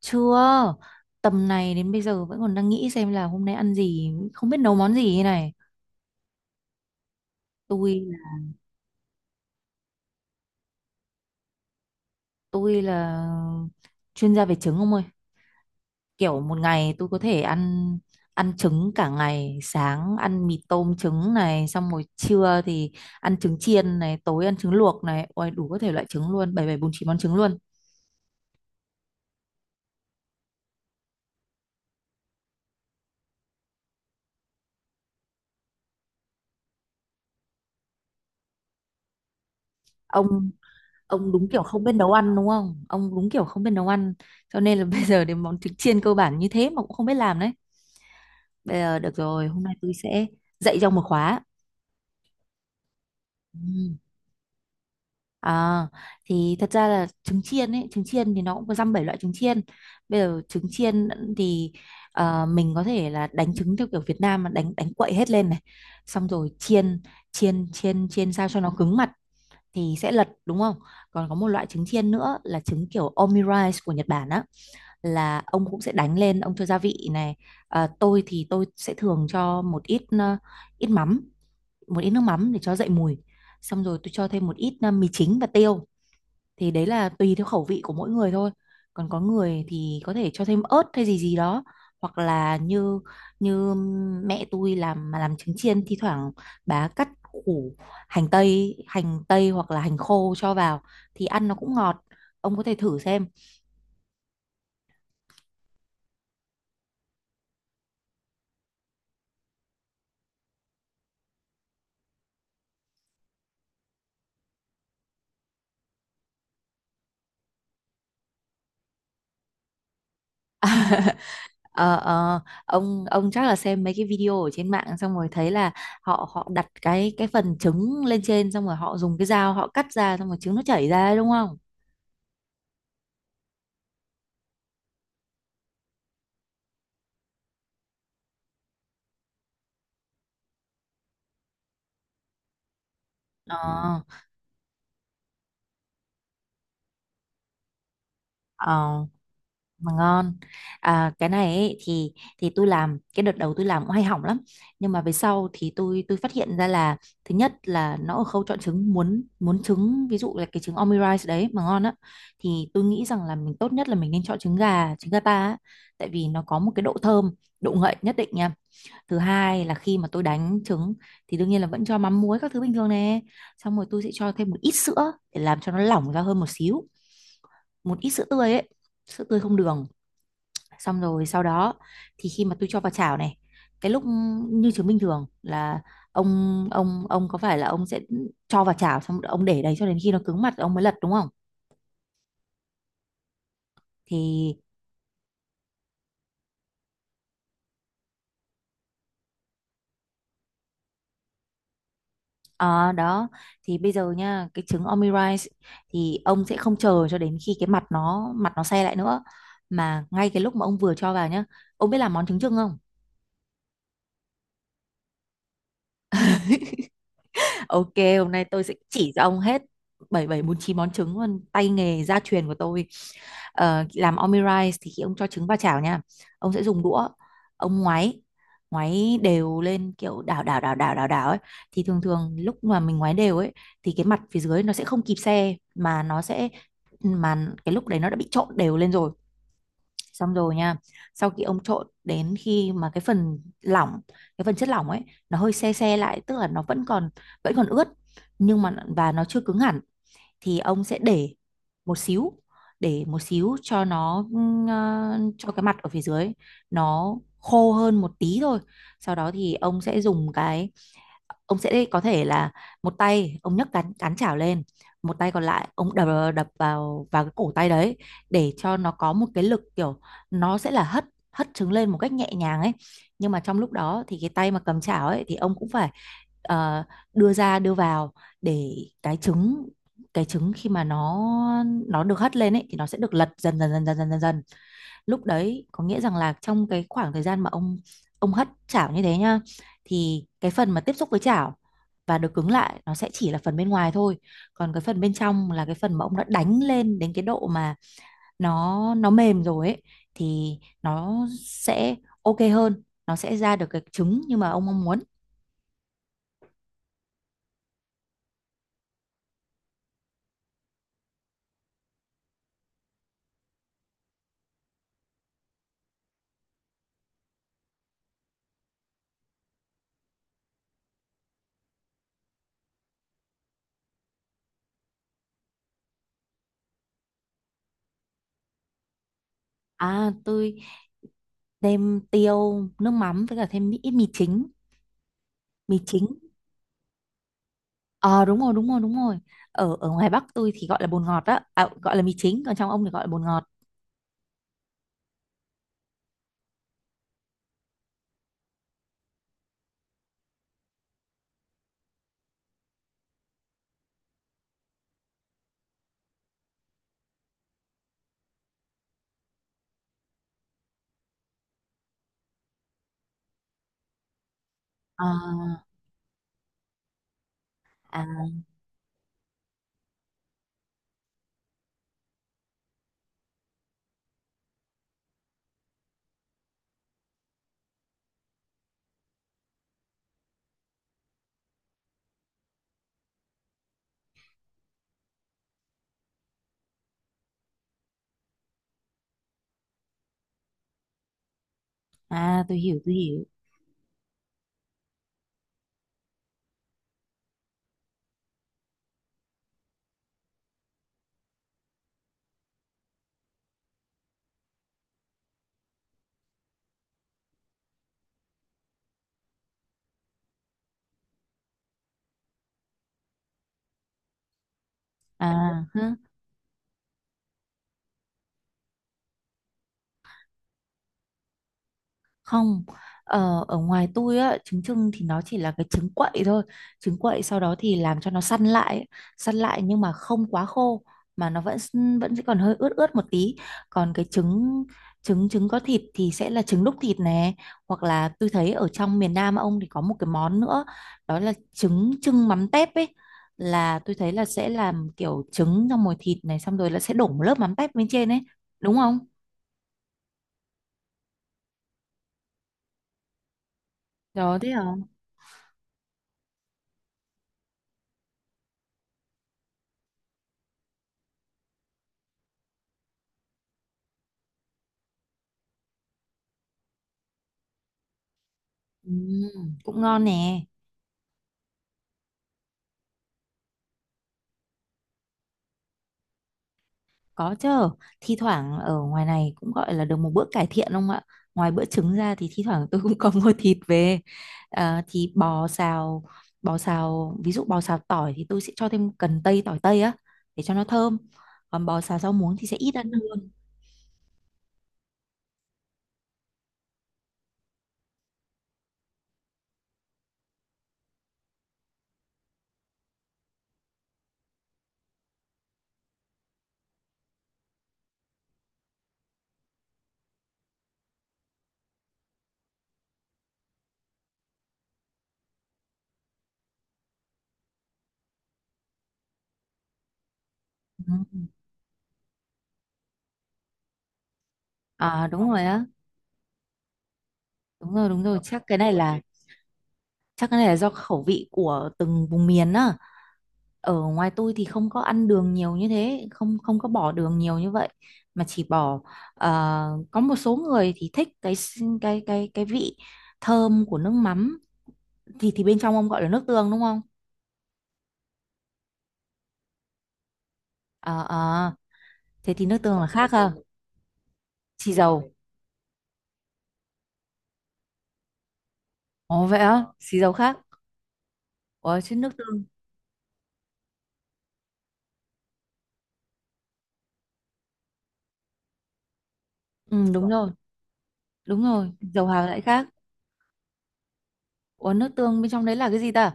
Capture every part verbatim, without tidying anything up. Chưa, tầm này đến bây giờ vẫn còn đang nghĩ xem là hôm nay ăn gì, không biết nấu món gì thế này. Tôi tôi là chuyên gia về trứng ông ơi. Kiểu một ngày tôi có thể ăn ăn trứng cả ngày, sáng ăn mì tôm trứng này, xong rồi trưa thì ăn trứng chiên này, tối ăn trứng luộc này, ôi đủ các thể loại trứng luôn, bảy bảy bốn chín món trứng luôn. Ông ông đúng kiểu không biết nấu ăn đúng không? Ông đúng kiểu không biết nấu ăn, cho nên là bây giờ đến món trứng chiên cơ bản như thế mà cũng không biết làm đấy. Bây giờ được rồi, hôm nay tôi sẽ dạy trong một khóa. Ừ. À, thì thật ra là trứng chiên ấy, trứng chiên thì nó cũng có dăm bảy loại trứng chiên. Bây giờ trứng chiên thì ờ, mình có thể là đánh trứng theo kiểu Việt Nam mà đánh đánh quậy hết lên này. Xong rồi chiên chiên chiên chiên sao cho nó cứng mặt thì sẽ lật đúng không? Còn có một loại trứng chiên nữa là trứng kiểu omurice của Nhật Bản á, là ông cũng sẽ đánh lên, ông cho gia vị này. À, tôi thì tôi sẽ thường cho một ít ờ, ít mắm, một ít nước mắm để cho dậy mùi, xong rồi tôi cho thêm một ít à, mì chính và tiêu, thì đấy là tùy theo khẩu vị của mỗi người thôi, còn có người thì có thể cho thêm ớt hay gì gì đó, hoặc là như như mẹ tôi làm, mà làm trứng chiên thi thoảng bà cắt củ hành tây hành tây hoặc là hành khô cho vào thì ăn nó cũng ngọt, ông có thể thử xem. Ờ, ờ, ông ông chắc là xem mấy cái video ở trên mạng xong rồi thấy là họ họ đặt cái cái phần trứng lên trên xong rồi họ dùng cái dao họ cắt ra xong rồi trứng nó chảy ra ấy, đúng không? Ờ, ừ. Ờ, mà ngon. À, cái này ấy, thì thì tôi làm cái đợt đầu tôi làm cũng hay hỏng lắm, nhưng mà về sau thì tôi tôi phát hiện ra là thứ nhất là nó ở khâu chọn trứng, muốn muốn trứng ví dụ là cái trứng omurice đấy mà ngon á, thì tôi nghĩ rằng là mình tốt nhất là mình nên chọn trứng gà, trứng gà ta á, tại vì nó có một cái độ thơm, độ ngậy nhất định nha. Thứ hai là khi mà tôi đánh trứng thì đương nhiên là vẫn cho mắm muối các thứ bình thường nè, xong rồi tôi sẽ cho thêm một ít sữa để làm cho nó lỏng ra hơn một xíu, một ít sữa tươi ấy, sữa tươi không đường, xong rồi sau đó thì khi mà tôi cho vào chảo này, cái lúc như trứng bình thường là, ông ông ông có phải là ông sẽ cho vào chảo xong ông để đấy cho đến khi nó cứng mặt ông mới lật đúng không, thì à, đó, thì bây giờ nha, cái trứng omurice thì ông sẽ không chờ cho đến khi cái mặt nó, mặt nó xe lại nữa, mà ngay cái lúc mà ông vừa cho vào nhá, ông biết làm món trứng chưng không? Ok, hôm nay tôi sẽ chỉ cho ông hết bảy bảy bốn chín món trứng luôn, tay nghề gia truyền của tôi. Ờ, làm omurice thì khi ông cho trứng vào chảo nha, ông sẽ dùng đũa, ông ngoáy, ngoáy đều lên kiểu đảo đảo đảo đảo đảo đảo ấy, thì thường thường lúc mà mình ngoáy đều ấy thì cái mặt phía dưới nó sẽ không kịp xe mà nó sẽ mà cái lúc đấy nó đã bị trộn đều lên rồi, xong rồi nha, sau khi ông trộn đến khi mà cái phần lỏng, cái phần chất lỏng ấy, nó hơi se se lại, tức là nó vẫn còn vẫn còn ướt nhưng mà và nó chưa cứng hẳn, thì ông sẽ để một xíu, để một xíu cho nó ừm, ờ, cho cái mặt ở phía dưới nó khô hơn một tí thôi, sau đó thì ông sẽ dùng cái ông sẽ có thể là một tay ông nhấc cán cán chảo lên, một tay còn lại ông đập, đập vào vào cái cổ tay đấy, để cho nó có một cái lực, kiểu nó sẽ là hất, hất trứng lên một cách nhẹ nhàng ấy, nhưng mà trong lúc đó thì cái tay mà cầm chảo ấy thì ông cũng phải ờ, đưa ra đưa vào để cái trứng cái trứng khi mà nó nó được hất lên ấy thì nó sẽ được lật dần dần dần dần dần dần dần, lúc đấy có nghĩa rằng là trong cái khoảng thời gian mà ông ông hất chảo như thế nhá, thì cái phần mà tiếp xúc với chảo và được cứng lại nó sẽ chỉ là phần bên ngoài thôi, còn cái phần bên trong là cái phần mà ông đã đánh lên đến cái độ mà nó nó mềm rồi ấy, thì nó sẽ ok hơn, nó sẽ ra được cái trứng như mà ông mong muốn. À, tôi thêm tiêu nước mắm với cả thêm ít mì chính, mì chính. Ờ, đúng rồi, đúng rồi, đúng rồi, ở ở ngoài Bắc tôi thì gọi là bồn ngọt đó, à, gọi là mì chính, còn trong ông thì gọi là bồn ngọt. À, à, à tôi hiểu, tôi hiểu. À, hứ. Không, ờ, ở ngoài tôi á, trứng trưng thì nó chỉ là cái trứng quậy thôi. Trứng quậy sau đó thì làm cho nó săn lại, ấy. Săn lại nhưng mà không quá khô mà nó vẫn s- vẫn sẽ còn hơi ướt ướt một tí. Còn cái trứng, trứng trứng có thịt thì sẽ là trứng đúc thịt nè, hoặc là tôi thấy ở trong miền Nam ông thì có một cái món nữa, đó là trứng trưng mắm tép ấy. Là tôi thấy là sẽ làm kiểu trứng trong mồi thịt này xong rồi là sẽ đổ một lớp mắm tép bên trên ấy, đúng không? Đó thế hả? Ừ, cũng ngon nè. Có chứ, thi thoảng ở ngoài này cũng gọi là được một bữa cải thiện không ạ? Ngoài bữa trứng ra thì thi thoảng tôi cũng có mua thịt về. À, thì bò xào, bò xào, ví dụ bò xào tỏi thì tôi sẽ cho thêm cần tây, tỏi tây á, để cho nó thơm. Còn bò xào rau muống thì sẽ ít ăn hơn. Ừ. À đúng rồi á, đúng rồi, đúng rồi, chắc cái này là chắc cái này là do khẩu vị của từng vùng miền á. Ở ngoài tôi thì không có ăn đường nhiều như thế, không không có bỏ đường nhiều như vậy, mà chỉ bỏ ờ, có một số người thì thích cái s- cái cái cái vị thơm của nước mắm, thì thì bên trong ông gọi là nước tương đúng không? Ờ, ờ, thế thì nước tương là khác ha, xì dầu. Ồ vậy á, xì dầu khác. Ủa chứ nước tương. Ừ đúng rồi, đúng rồi, dầu hào lại khác. Ủa nước tương bên trong đấy là cái gì ta?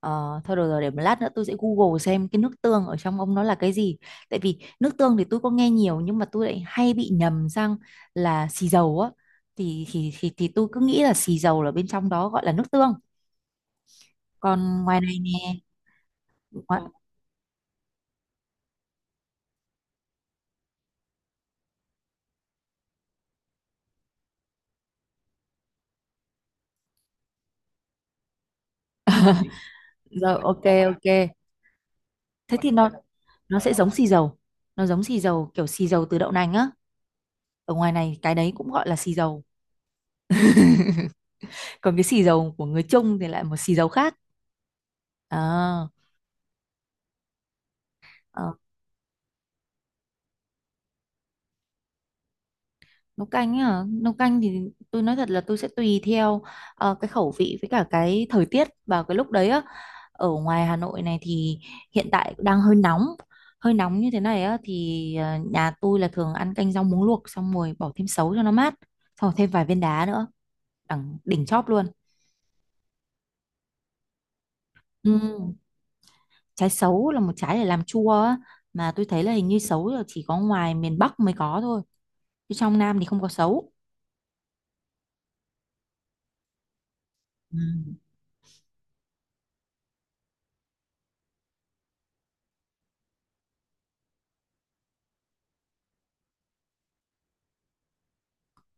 Ờ, thôi được rồi, để một lát nữa tôi sẽ Google xem cái nước tương ở trong ông nó là cái gì, tại vì nước tương thì tôi có nghe nhiều nhưng mà tôi lại hay bị nhầm sang là xì dầu á, thì thì thì, thì tôi cứ nghĩ là xì dầu là bên trong đó gọi là nước tương, còn ngoài này nè, ngoài... rồi, ok, ok, thế thì nó nó sẽ giống xì dầu, nó giống xì dầu kiểu xì dầu từ đậu nành á, ở ngoài này cái đấy cũng gọi là xì dầu, còn cái xì dầu của người Trung thì lại một xì dầu khác. À, ờ. Nấu canh á, nấu canh thì tôi nói thật là tôi sẽ tùy theo ờ, cái khẩu vị với cả cái thời tiết vào cái lúc đấy á, ở ngoài Hà Nội này thì hiện tại đang hơi nóng, hơi nóng như thế này á thì ờ, nhà tôi là thường ăn canh rau muống luộc xong rồi bỏ thêm sấu cho nó mát, xong rồi thêm vài viên đá nữa, đẳng đỉnh chóp luôn. Ừ. Trái sấu là một trái để làm chua á, mà tôi thấy là hình như sấu là chỉ có ngoài miền Bắc mới có thôi, chứ trong Nam thì không có sấu. Ừ.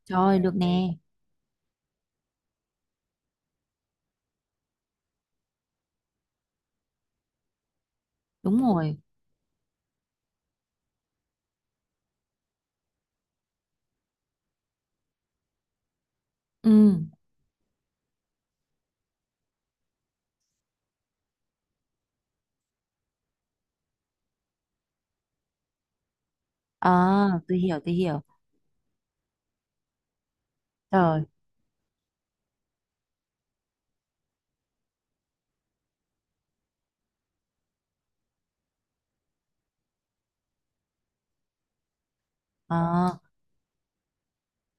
Trời, được nè. Đúng rồi. Ừ. Ờ, tôi hiểu, tôi hiểu. Rồi, ờ,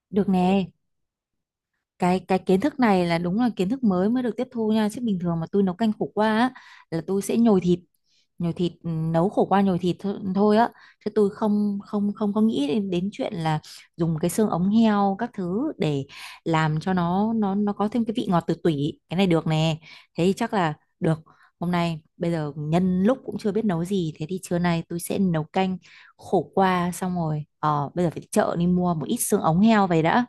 được nè. Cái cái kiến thức này là đúng là kiến thức mới, mới được tiếp thu nha, chứ bình thường mà tôi nấu canh khổ qua á, là tôi sẽ nhồi thịt, nhồi thịt, ừ, nấu khổ qua nhồi thịt thôi, thôi á, chứ tôi không không không có nghĩ đến, đến chuyện là dùng cái xương ống heo các thứ để làm cho nó nó nó có thêm cái vị ngọt từ tủy, cái này được nè, thế thì chắc là được, hôm nay bây giờ nhân lúc cũng chưa biết nấu gì, thế thì trưa nay tôi sẽ nấu canh khổ qua, xong rồi ờ, bây giờ phải đi chợ đi mua một ít xương ống heo về đã.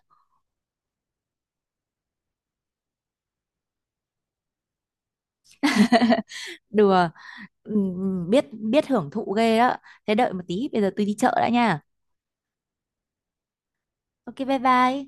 Đùa. Ừm, biết biết hưởng thụ ghê đó, thế đợi một tí bây giờ tôi đi chợ đã nha. Ok, bye bye.